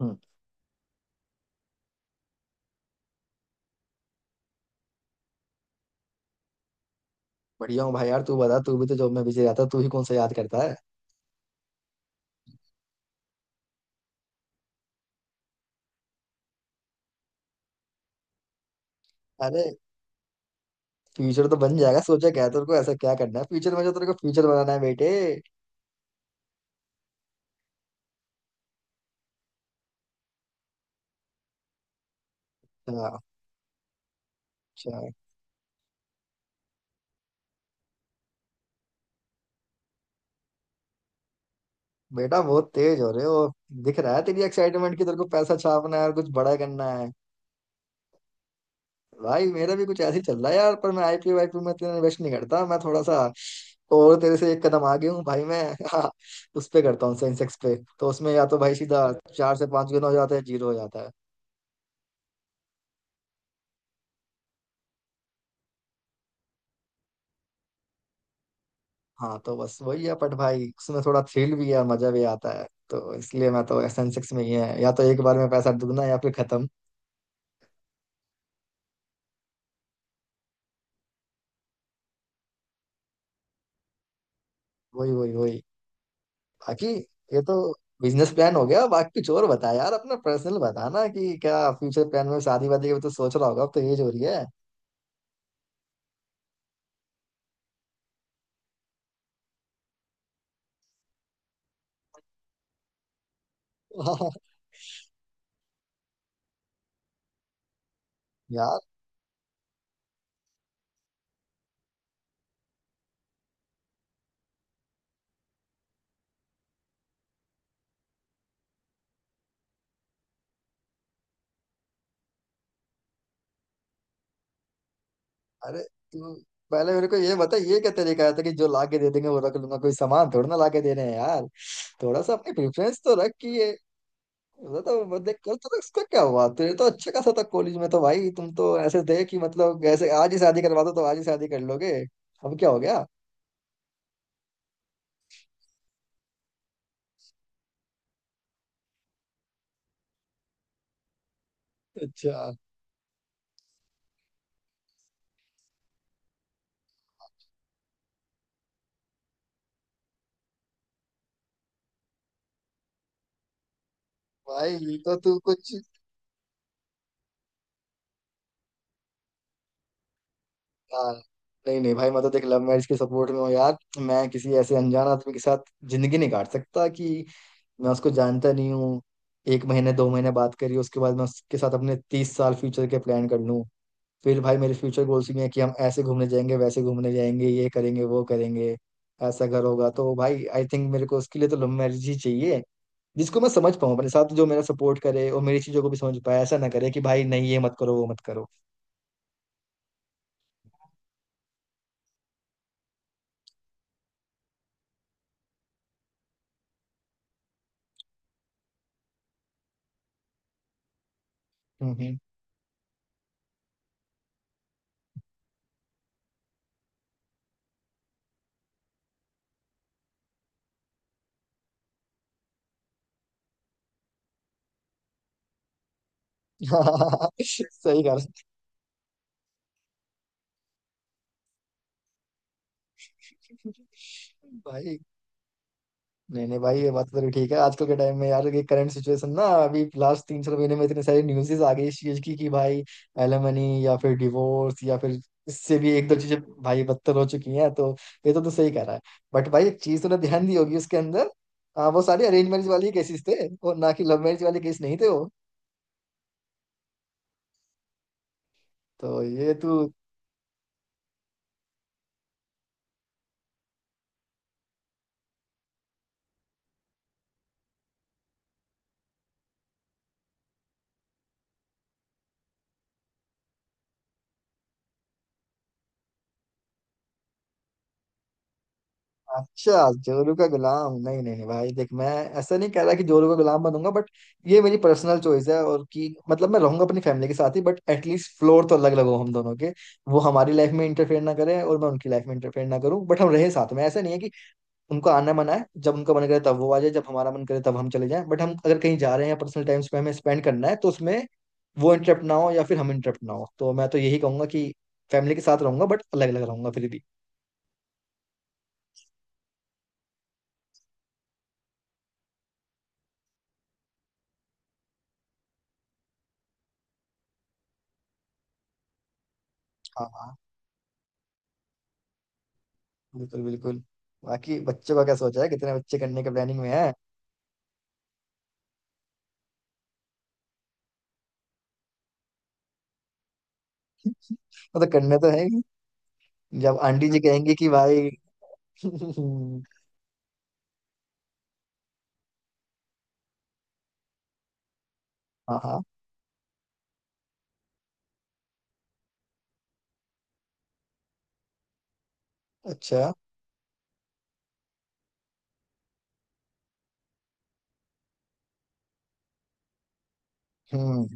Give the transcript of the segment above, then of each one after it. हम्म, बढ़िया हूँ भाई। यार तू बता, तू भी तो जॉब में बिजी रहता है, तू ही कौन सा याद करता है। अरे फ्यूचर तो बन जाएगा, सोचा क्या है, तेरे को ऐसा क्या करना है फ्यूचर में जो तेरे को फ्यूचर बनाना है बेटे। अच्छा। अच्छा। बेटा बहुत तेज हो रहे हो। दिख रहा है तेरी एक्साइटमेंट की तेरे को पैसा छापना है और कुछ बड़ा करना है। भाई मेरा भी कुछ ऐसे ही चल रहा है यार, पर मैं आईपीओ वाईपीओ में इतना इन्वेस्ट नहीं करता। मैं थोड़ा सा और तेरे से एक कदम आगे हूँ भाई मैं। हाँ, उस पे करता हूँ सेंसेक्स पे। तो उसमें या तो भाई सीधा चार से पांच गुना हो जाता है, जीरो हो जाता है। हाँ तो बस वही है बट भाई उसमें थोड़ा थ्रिल भी है, मजा भी आता है। तो इसलिए मैं तो एस एन सिक्स में ही है, या तो एक बार में पैसा दुगना या फिर खत्म। वही वही वही। बाकी ये तो बिजनेस प्लान हो गया, बाकी कुछ और बता यार। अपना पर्सनल बता ना कि क्या फ्यूचर प्लान में शादी वादी का भी तो सोच रहा होगा, अब तो एज हो रही है। वाह, यार! अरे तू पहले मेरे को ये बता, ये क्या तरीका है कि जो ला के दे देंगे वो रख लूंगा? कोई सामान थोड़ा ना ला के दे रहे हैं यार। थोड़ा सा अपनी प्रेफरेंस तो रख कि ये, वो तो वो देख। कल तो इसका क्या हुआ, तेरे तो अच्छा खासा था कॉलेज में। तो भाई तुम तो ऐसे थे कि मतलब ऐसे आज ही शादी करवा दो तो आज ही शादी कर लोगे। अब क्या हो गया? अच्छा। भाई ये तो तू कुछ, हाँ, नहीं नहीं भाई मैं तो देख लव मैरिज के सपोर्ट में हूँ यार। मैं किसी ऐसे अनजान आदमी के साथ जिंदगी नहीं काट सकता कि मैं उसको जानता नहीं हूँ। एक महीने दो महीने बात करी, उसके बाद मैं उसके साथ अपने 30 साल फ्यूचर के प्लान कर लूँ। फिर भाई मेरे फ्यूचर गोल्स भी हैं कि हम ऐसे घूमने जाएंगे, वैसे घूमने जाएंगे, ये करेंगे, वो करेंगे, ऐसा घर होगा। तो भाई आई थिंक मेरे को उसके लिए तो लव मैरिज ही चाहिए, जिसको मैं समझ पाऊँ अपने साथ, जो मेरा सपोर्ट करे और मेरी चीजों को भी समझ पाए। ऐसा ना करे कि भाई नहीं ये मत करो, वो मत करो। हम्म। हम्म। सही कहा। भाई नहीं नहीं भाई, ये बात तो तेरी ठीक है। आजकल के टाइम में यार ये करंट सिचुएशन ना, अभी लास्ट तीन चार महीने में इतनी सारी न्यूज़ेस आ गई इस चीज की कि भाई एलिमनी या फिर डिवोर्स या फिर इससे भी एक दो चीजें भाई बदतर हो चुकी हैं। तो ये तो तू सही कह रहा है। बट भाई एक चीज तूने ध्यान दी होगी उसके अंदर, हाँ वो सारी अरेंज मैरिज वाली केसेस थे और ना कि लव मैरिज वाले केस नहीं थे वो। तो ये तू, अच्छा। जोरू का गुलाम, नहीं नहीं नहीं भाई देख मैं ऐसा नहीं कह रहा कि जोरू का गुलाम बनूंगा। बट ये मेरी पर्सनल चॉइस है और कि मतलब मैं रहूंगा अपनी फैमिली के साथ ही, बट एटलीस्ट फ्लोर तो अलग अलग हो हम दोनों के। वो हमारी लाइफ में इंटरफेयर ना करे और मैं उनकी लाइफ में इंटरफेयर ना करूं। बट हम रहे साथ में, ऐसा नहीं है कि उनको आना मना है। जब उनका मन करे तब वो आ जाए, जब हमारा मन करे तब हम चले जाएं। बट हम अगर कहीं जा रहे हैं, पर्सनल टाइम हमें स्पेंड करना है, तो उसमें वो इंटरप्ट ना हो या फिर हम इंटरप्ट ना हो। तो मैं तो यही कहूंगा कि फैमिली के साथ रहूंगा, बट अलग अलग रहूंगा फिर भी। हाँ। हाँ। बिल्कुल बिल्कुल। बाकी बच्चों का क्या सोचा है, कितने बच्चे करने के प्लानिंग में है? वो तो करने तो है ही। जब आंटी जी कहेंगी कि भाई हाँ हाँ। अच्छा। हम्म।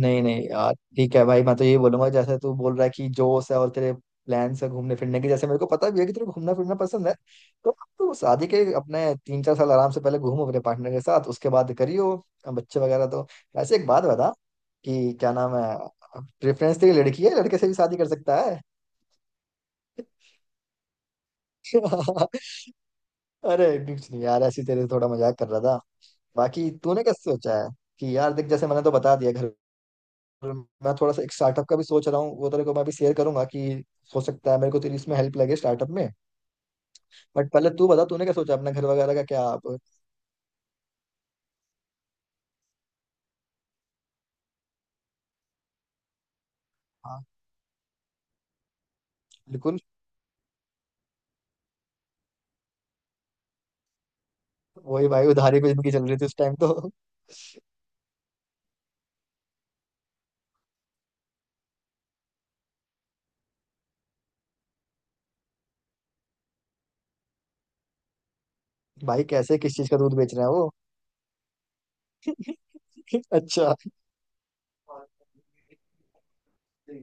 नहीं नहीं यार ठीक है भाई। मैं तो यही बोलूंगा, जैसे तू बोल रहा है कि जोश है और तेरे प्लान्स है घूमने फिरने के, जैसे मेरे को पता भी है कि तेरे को घूमना फिरना पसंद है, तो अब तो शादी के अपने तीन चार साल आराम से पहले घूमो अपने पार्टनर के साथ, उसके बाद करियो। अब बच्चे वगैरह तो, वैसे एक बात बता, कि क्या नाम है प्रेफरेंस तेरी, लड़की है लड़के से भी शादी कर सकता है? अरे कुछ नहीं यार, ऐसी तेरे से थोड़ा मजाक कर रहा था। बाकी तूने कैसे सोचा है कि, यार देख जैसे मैंने तो बता दिया घर। मैं थोड़ा सा एक स्टार्टअप का भी सोच रहा हूँ, वो तेरे को मैं भी शेयर करूंगा कि हो सकता है मेरे को तेरी इसमें हेल्प लगे स्टार्टअप में। बट पहले तू बता, तूने क्या सोचा अपना घर वगैरह का, क्या आप। हाँ। बिल्कुल। वही भाई, उधारी पे जिंदगी चल रही थी उस टाइम तो। भाई कैसे किस चीज का दूध बेच रहे हैं वो? अच्छा। अच्छा।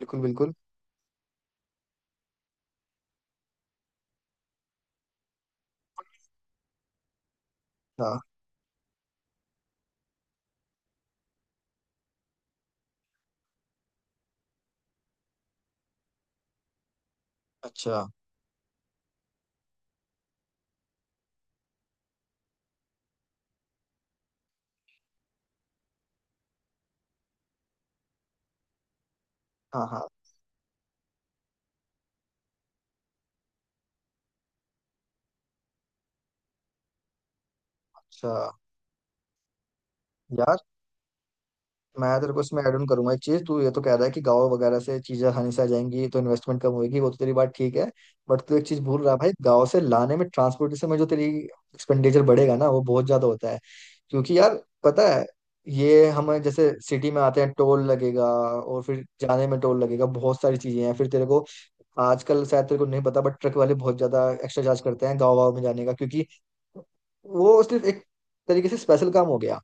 बिल्कुल बिल्कुल। हाँ। अच्छा। हाँ हाँ। अच्छा। यार मैं तेरे को इसमें ऐड ऑन करूंगा एक चीज। तू ये तो कह रहा है कि गांव वगैरह से चीजें आसानी से आ जाएंगी तो इन्वेस्टमेंट कम होगी, वो तो तेरी बात ठीक है। बट तू एक चीज भूल रहा है भाई, गांव से लाने में ट्रांसपोर्टेशन में जो तेरी एक्सपेंडिचर बढ़ेगा ना, वो बहुत ज्यादा होता है। क्योंकि यार पता है, ये हम जैसे सिटी में आते हैं टोल लगेगा, और फिर जाने में टोल लगेगा, बहुत सारी चीजें हैं। फिर तेरे को आजकल शायद तेरे को नहीं पता बट ट्रक वाले बहुत ज्यादा एक्स्ट्रा चार्ज करते हैं गाँव वाँव में जाने का। क्योंकि वो सिर्फ एक तरीके से स्पेशल काम हो गया,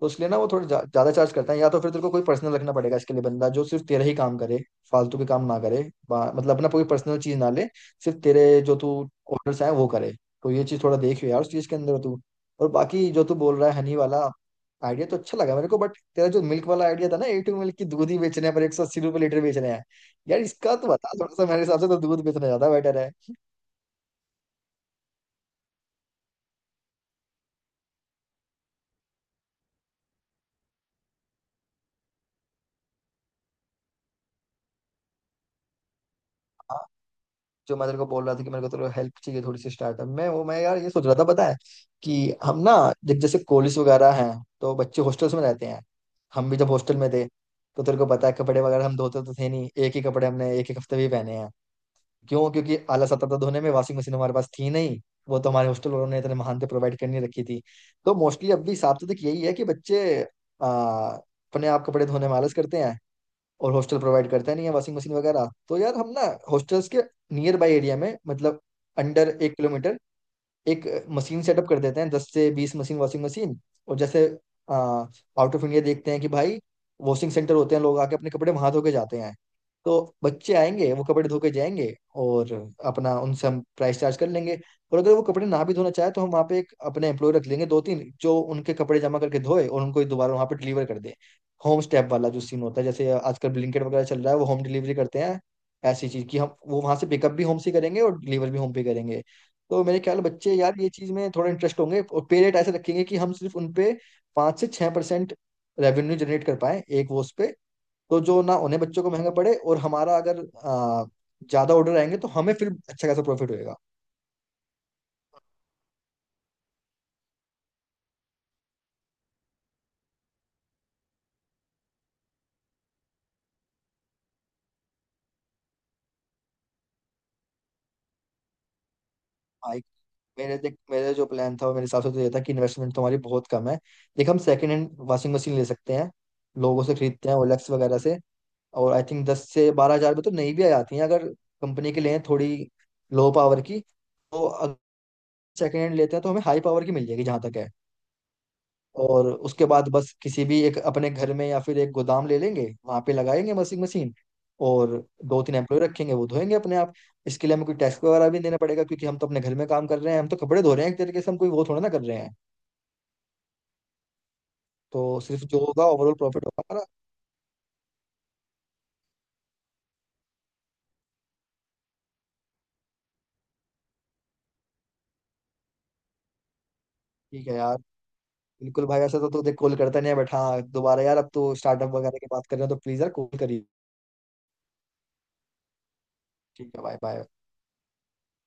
तो इसलिए ना वो थोड़ा ज्यादा चार्ज करता है। या तो फिर तेरे को कोई पर्सनल रखना पड़ेगा इसके लिए बंदा, जो सिर्फ तेरा ही काम करे, फालतू के काम ना करे। मतलब अपना कोई पर्सनल चीज ना ले, सिर्फ तेरे जो तू ऑर्डर्स आए वो करे। तो ये चीज थोड़ा देखियो यार उस चीज के अंदर तू। और बाकी जो तू बोल रहा है हनी वाला आइडिया, तो अच्छा लगा मेरे को। बट तेरा जो मिल्क वाला आइडिया था ना, ए टू मिल्क की, दूध ही बेचने पर 180 रुपये लीटर बेच रहे हैं। यार इसका तो बता थोड़ा सा, मेरे हिसाब से तो दूध बेचना ज्यादा बेटर है। जो मैं तेरे को बोल रहा था कि मेरे को तेरे हेल्प चाहिए थोड़ी सी स्टार्टअप में, वो मैं यार ये सोच रहा था, पता है, कि हम ना जब जैसे कॉलेज वगैरह हैं, तो बच्चे हॉस्टल्स में रहते हैं। हम भी जब हॉस्टल में थे, तो तेरे को पता है कपड़े वगैरह हम धोते तो थे नहीं, एक ही कपड़े हमने एक एक हफ्ते भी पहने हैं। क्यों? क्योंकि आलस आता था धोने में, वॉशिंग मशीन हमारे पास थी नहीं। वो तो हमारे हॉस्टल वालों ने इतने महान थे प्रोवाइड करनी रखी थी। तो मोस्टली अब भी हिसाब तो देख यही है कि बच्चे आ, अपने आप कपड़े धोने में आलस करते हैं, और हॉस्टल प्रोवाइड करता नहीं है वॉशिंग मशीन वगैरह। तो यार हम ना हॉस्टल्स के नियर बाय एरिया में, मतलब अंडर 1 किलोमीटर, एक मशीन सेटअप कर देते हैं, 10 से 20 मशीन वॉशिंग मशीन। और जैसे आउट ऑफ इंडिया देखते हैं कि भाई वॉशिंग सेंटर होते हैं, लोग आके अपने कपड़े वहां धो के जाते हैं। तो बच्चे आएंगे वो कपड़े धो के जाएंगे, और अपना उनसे हम प्राइस चार्ज कर लेंगे। और अगर वो कपड़े ना भी धोना चाहे, तो हम वहाँ पे एक अपने एम्प्लॉय रख लेंगे दो तीन, जो उनके कपड़े जमा करके धोए और उनको दोबारा वहाँ पे डिलीवर कर दे। होम स्टेप वाला जो सीन होता है, जैसे आजकल ब्लिंकिट वगैरह चल रहा है वो होम डिलीवरी करते हैं, ऐसी चीज की, हम वो वहां से पिकअप भी होम से करेंगे और डिलीवर भी होम पे करेंगे। तो मेरे ख्याल में बच्चे यार ये चीज में थोड़ा इंटरेस्ट होंगे, और पे रेट ऐसे रखेंगे कि हम सिर्फ उन पे 5 से 6% रेवेन्यू जनरेट कर पाए एक वो उस पे। तो जो ना उन्हें बच्चों को महंगा पड़े और हमारा अगर आ, ज्यादा ऑर्डर आएंगे तो हमें फिर अच्छा खासा प्रॉफिट होएगा। भाई मेरे, देख मेरे जो प्लान था वो मेरे हिसाब से तो ये था कि इन्वेस्टमेंट तो हमारी बहुत कम है। देख हम सेकेंड हैंड वॉशिंग मशीन ले सकते हैं, लोगों से खरीदते हैं ओलेक्स वगैरह से। और आई थिंक 10 से 12 हजार में तो नई भी आ जाती हैं, अगर कंपनी के लिए थोड़ी लो पावर की। तो सेकेंड हैंड लेते हैं तो हमें हाई पावर की मिल जाएगी जहां तक है। और उसके बाद बस किसी भी एक अपने घर में या फिर एक गोदाम ले लेंगे, वहां पे लगाएंगे वॉशिंग मशीन। और दो तीन एम्प्लॉय रखेंगे वो धोएंगे अपने आप। इसके लिए हमें कोई टैक्स वगैरह भी देना पड़ेगा, क्योंकि हम तो अपने घर में काम कर रहे हैं, हम तो कपड़े धो रहे हैं एक तरीके से, हम कोई वो थोड़ा ना कर रहे हैं। तो सिर्फ जो होगा ओवरऑल प्रॉफिट होगा हमारा। ठीक है यार। बिल्कुल भाई। ऐसा तो देख, कॉल करता नहीं है बैठा। हाँ, दोबारा यार अब तो स्टार्टअप वगैरह की बात कर रहे हैं तो प्लीज यार कॉल करिए। ठीक है भाई, बाय।